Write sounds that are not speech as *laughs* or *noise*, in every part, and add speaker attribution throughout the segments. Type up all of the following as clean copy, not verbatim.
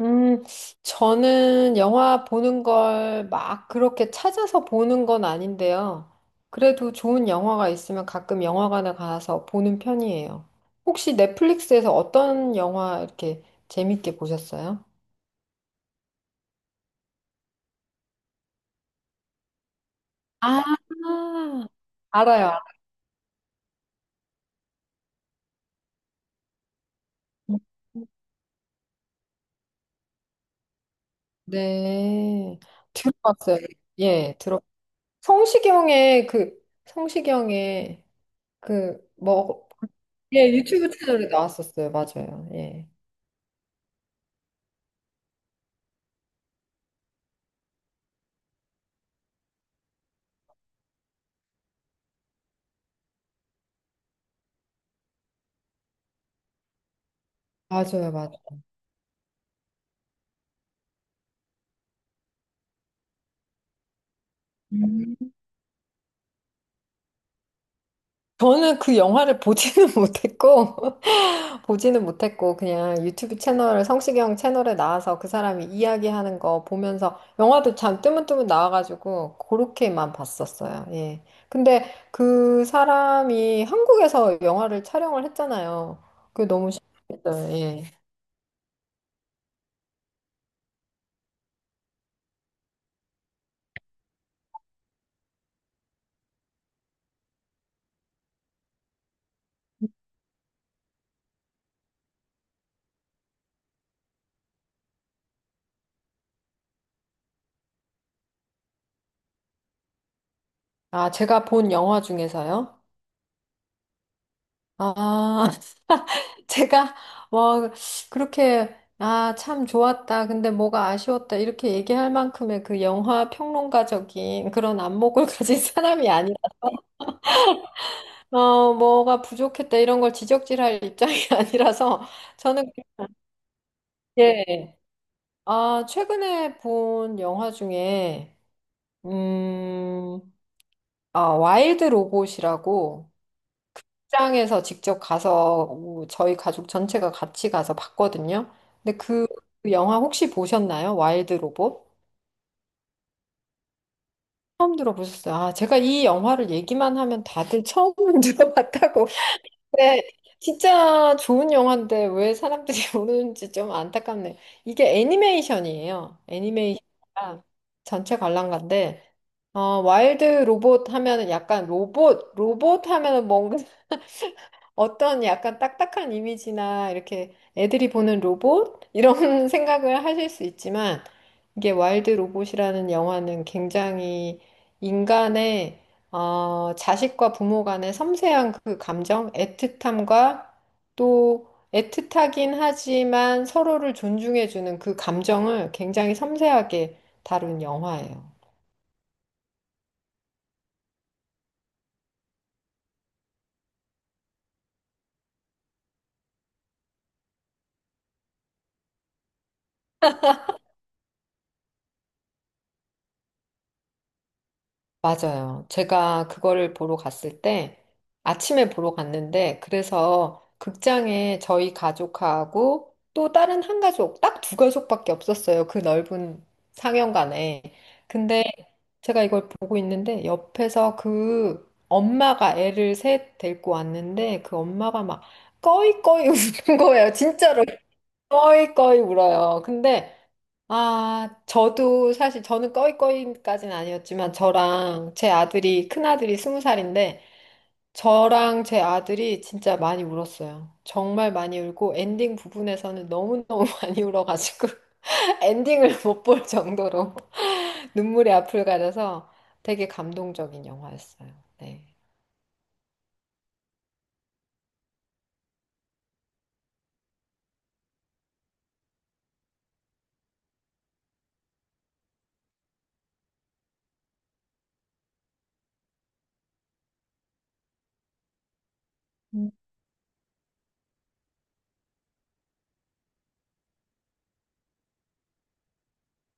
Speaker 1: 음, 저는 영화 보는 걸 막 그렇게 찾아서 보는 건 아닌데요. 그래도 좋은 영화가 있으면 가끔 영화관에 가서 보는 편이에요. 혹시 넷플릭스에서 어떤 영화 이렇게 재밌게 보셨어요? 아, 알아요. 네. 들어봤어요. 예, 들어. 성시경의 그, 성시경의 그, 뭐, 예, 유튜브 채널에 나왔었어요. 맞아요. 예. 맞아요, 맞아요. 음. 저는 그 영화를 보지는 *laughs* 못했고, *laughs* 보지는 못했고, 그냥 유튜브 채널, 성시경 채널에 나와서 그 사람이 이야기하는 거 보면서, 영화도 참 뜨문뜨문 나와가지고, 그렇게만 봤었어요. 예. 근데 그 사람이 한국에서 영화를 촬영을 했잖아요. 그게 너무 신기했어요. 예. 아, 제가 본 영화 중에서요? 아, 제가 뭐 그렇게 아, 참 좋았다. 근데 뭐가 아쉬웠다. 이렇게 얘기할 만큼의 그 영화 평론가적인 그런 안목을 *laughs* 가진 사람이 아니라 뭐가 부족했다 이런 걸 지적질할 입장이 *laughs* 아니라서 저는 그게 아, 최근에 본 영화 중에 음, 아, 와일드 로봇이라고 출장에서 직접 가서 오, 저희 가족 전체가 같이 가서 봤거든요. 근데 그 영화 혹시 보셨나요? 와일드 로봇? 처음 들어보셨어요? 아, 제가 이 영화를 얘기만 하면 다들 처음 *laughs* 들어봤다고. 네, 진짜 좋은 영화인데 왜 사람들이 *laughs* 모르는지 좀 안타깝네요. 이게 애니메이션이에요. 애니메이션이라 전체 관람가인데 와일드 로봇 하면은 약간 로봇, 로봇 하면은 뭔가 어떤 약간 딱딱한 이미지나 이렇게 애들이 보는 로봇? 이런 *laughs* 생각을 하실 수 있지만 이게 와일드 로봇이라는 영화는 굉장히 인간의 자식과 부모 간의 섬세한 그 감정, 애틋함과 또 애틋하긴 하지만 서로를 존중해주는 그 감정을 굉장히 섬세하게 다룬 영화예요. 맞아요. 제가 그거를 보러 갔을 때 아침에 보러 갔는데 그래서 극장에 저희 가족하고 또 다른 한 가족, 딱 두 가족밖에 없었어요. 그 넓은 상영관에. 근데 제가 이걸 보고 있는데 옆에서 그 엄마가 애를 셋 데리고 왔는데 그 엄마가 막 꺼이꺼이 *laughs* 우는 거예요. 진짜로 꺼이꺼이 울어요. 근데 아, 저도 사실 저는 꺼이꺼이까지는 아니었지만 저랑 제 아들이 큰아들이 스무 살인데 저랑 제 아들이 진짜 많이 울었어요. 정말 많이 울고 엔딩 부분에서는 너무너무 *laughs* 많이 울어가지고 *laughs* 엔딩을 못 볼 정도로 *laughs* 눈물의 앞을 가려서 되게 감동적인 영화였어요. 네.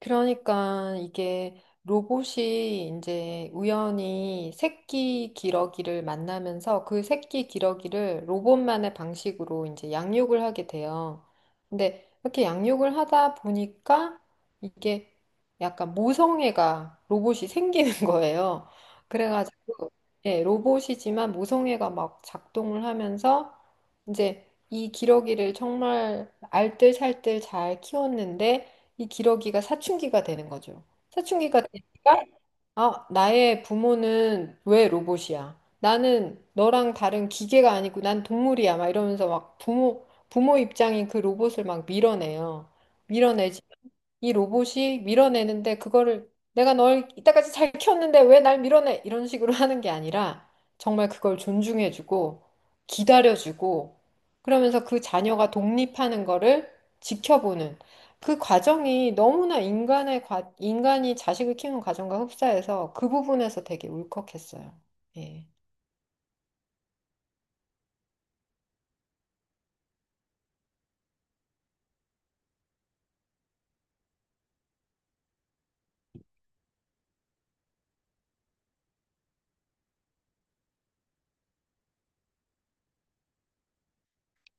Speaker 1: 그러니까 이게 로봇이 이제 우연히 새끼 기러기를 만나면서 그 새끼 기러기를 로봇만의 방식으로 이제 양육을 하게 돼요. 근데 이렇게 양육을 하다 보니까 이게 약간 모성애가 로봇이 생기는 *laughs* 거예요. 그래가지고 예, 로봇이지만 모성애가 막 작동을 하면서 이제 이 기러기를 정말 알뜰살뜰 잘 키웠는데 이 기러기가 사춘기가 되는 거죠. 사춘기가 되니까, 아, 나의 부모는 왜 로봇이야? 나는 너랑 다른 기계가 아니고 난 동물이야. 막 이러면서 막 부모 입장인 그 로봇을 막 밀어내요. 밀어내지. 이 로봇이 밀어내는데 그거를 내가 널 이때까지 잘 키웠는데 왜 날 밀어내? 이런 식으로 하는 게 아니라 정말 그걸 존중해주고 기다려주고 그러면서 그 자녀가 독립하는 거를 지켜보는 그 과정이 너무나 인간이 자식을 키우는 과정과 흡사해서 그 부분에서 되게 울컥했어요. 예.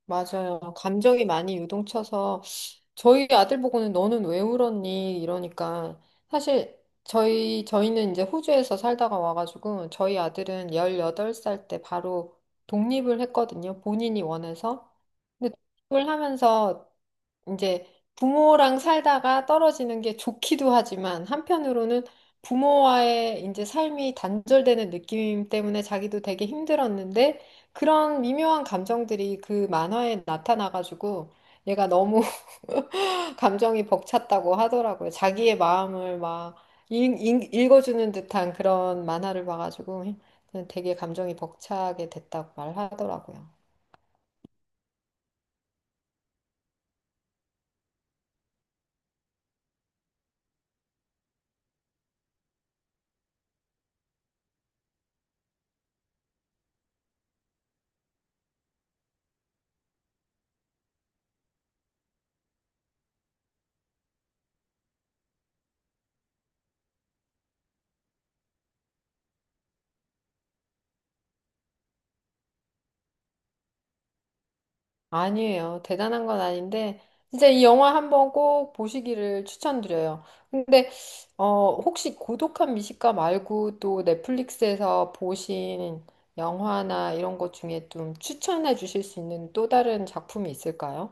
Speaker 1: 맞아요. 감정이 많이 유동쳐서 저희 아들 보고는 너는 왜 울었니? 이러니까 사실 저희는 이제 호주에서 살다가 와가지고 저희 아들은 18살 때 바로 독립을 했거든요. 본인이 원해서. 근데 독립을 하면서 이제 부모랑 살다가 떨어지는 게 좋기도 하지만 한편으로는 부모와의 이제 삶이 단절되는 느낌 때문에 자기도 되게 힘들었는데 그런 미묘한 감정들이 그 만화에 나타나가지고 얘가 너무 *laughs* 감정이 벅찼다고 하더라고요. 자기의 마음을 막 읽어주는 듯한 그런 만화를 봐가지고 되게 감정이 벅차게 됐다고 말하더라고요. 아니에요. 대단한 건 아닌데, 진짜 이 영화 한번 꼭 보시기를 추천드려요. 근데, 혹시 고독한 미식가 말고 또 넷플릭스에서 보신 영화나 이런 것 중에 좀 추천해 주실 수 있는 또 다른 작품이 있을까요?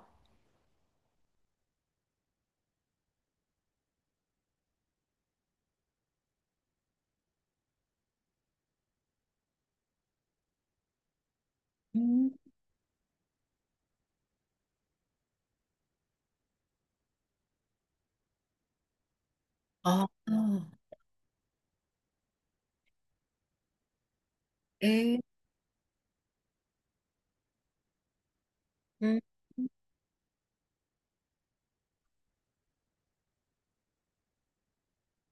Speaker 1: 음, 아, 아. 네. 음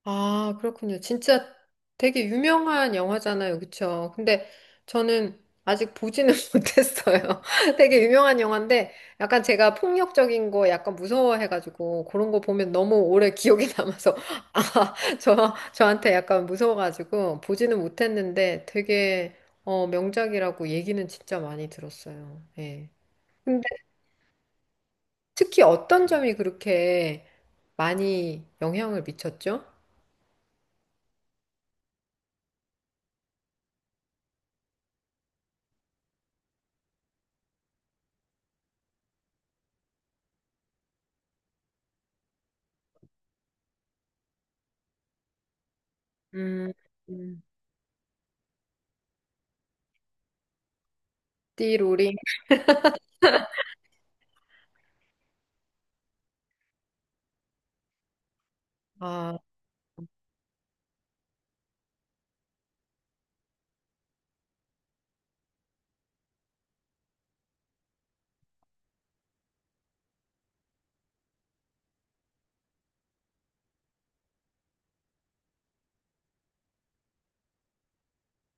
Speaker 1: 아, 그렇군요. 진짜 되게 유명한 영화잖아요. 그쵸? 근데 저는 아직 보지는 *laughs* 못했어요. *laughs* 되게 유명한 영화인데 약간 제가 폭력적인 거 약간 무서워해가지고 그런 거 보면 너무 오래 기억이 남아서 *laughs* 아, 저한테 약간 무서워가지고 보지는 못했는데 되게 명작이라고 얘기는 진짜 많이 들었어요. 예. 근데 특히 어떤 점이 그렇게 많이 영향을 미쳤죠? 음. 음. 띠로리. 아,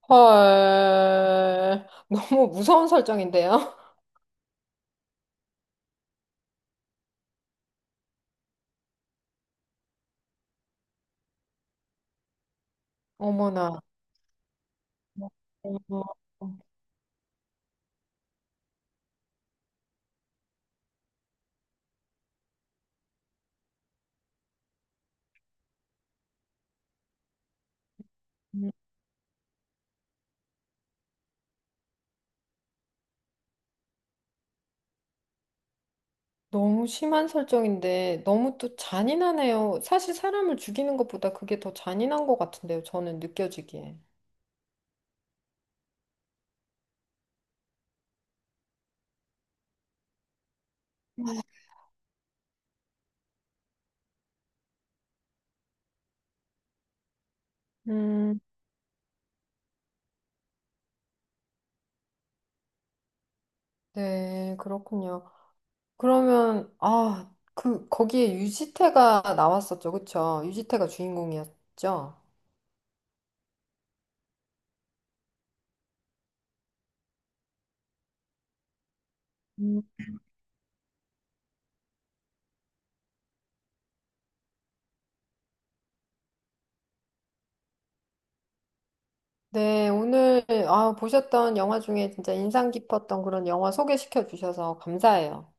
Speaker 1: 헐. 너무 무서운 설정인데요? *laughs* 어머나. 어머, 음, 너무 심한 설정인데 너무 또 잔인하네요. 사실 사람을 죽이는 것보다 그게 더 잔인한 것 같은데요. 저는 느껴지기에. 음, 네, 그렇군요. 그러면 아, 그 거기에 유지태가 나왔었죠. 그쵸? 유지태가 주인공이었죠. 네, 오늘 아, 보셨던 영화 중에 진짜 인상 깊었던 그런 영화 소개시켜 주셔서 감사해요.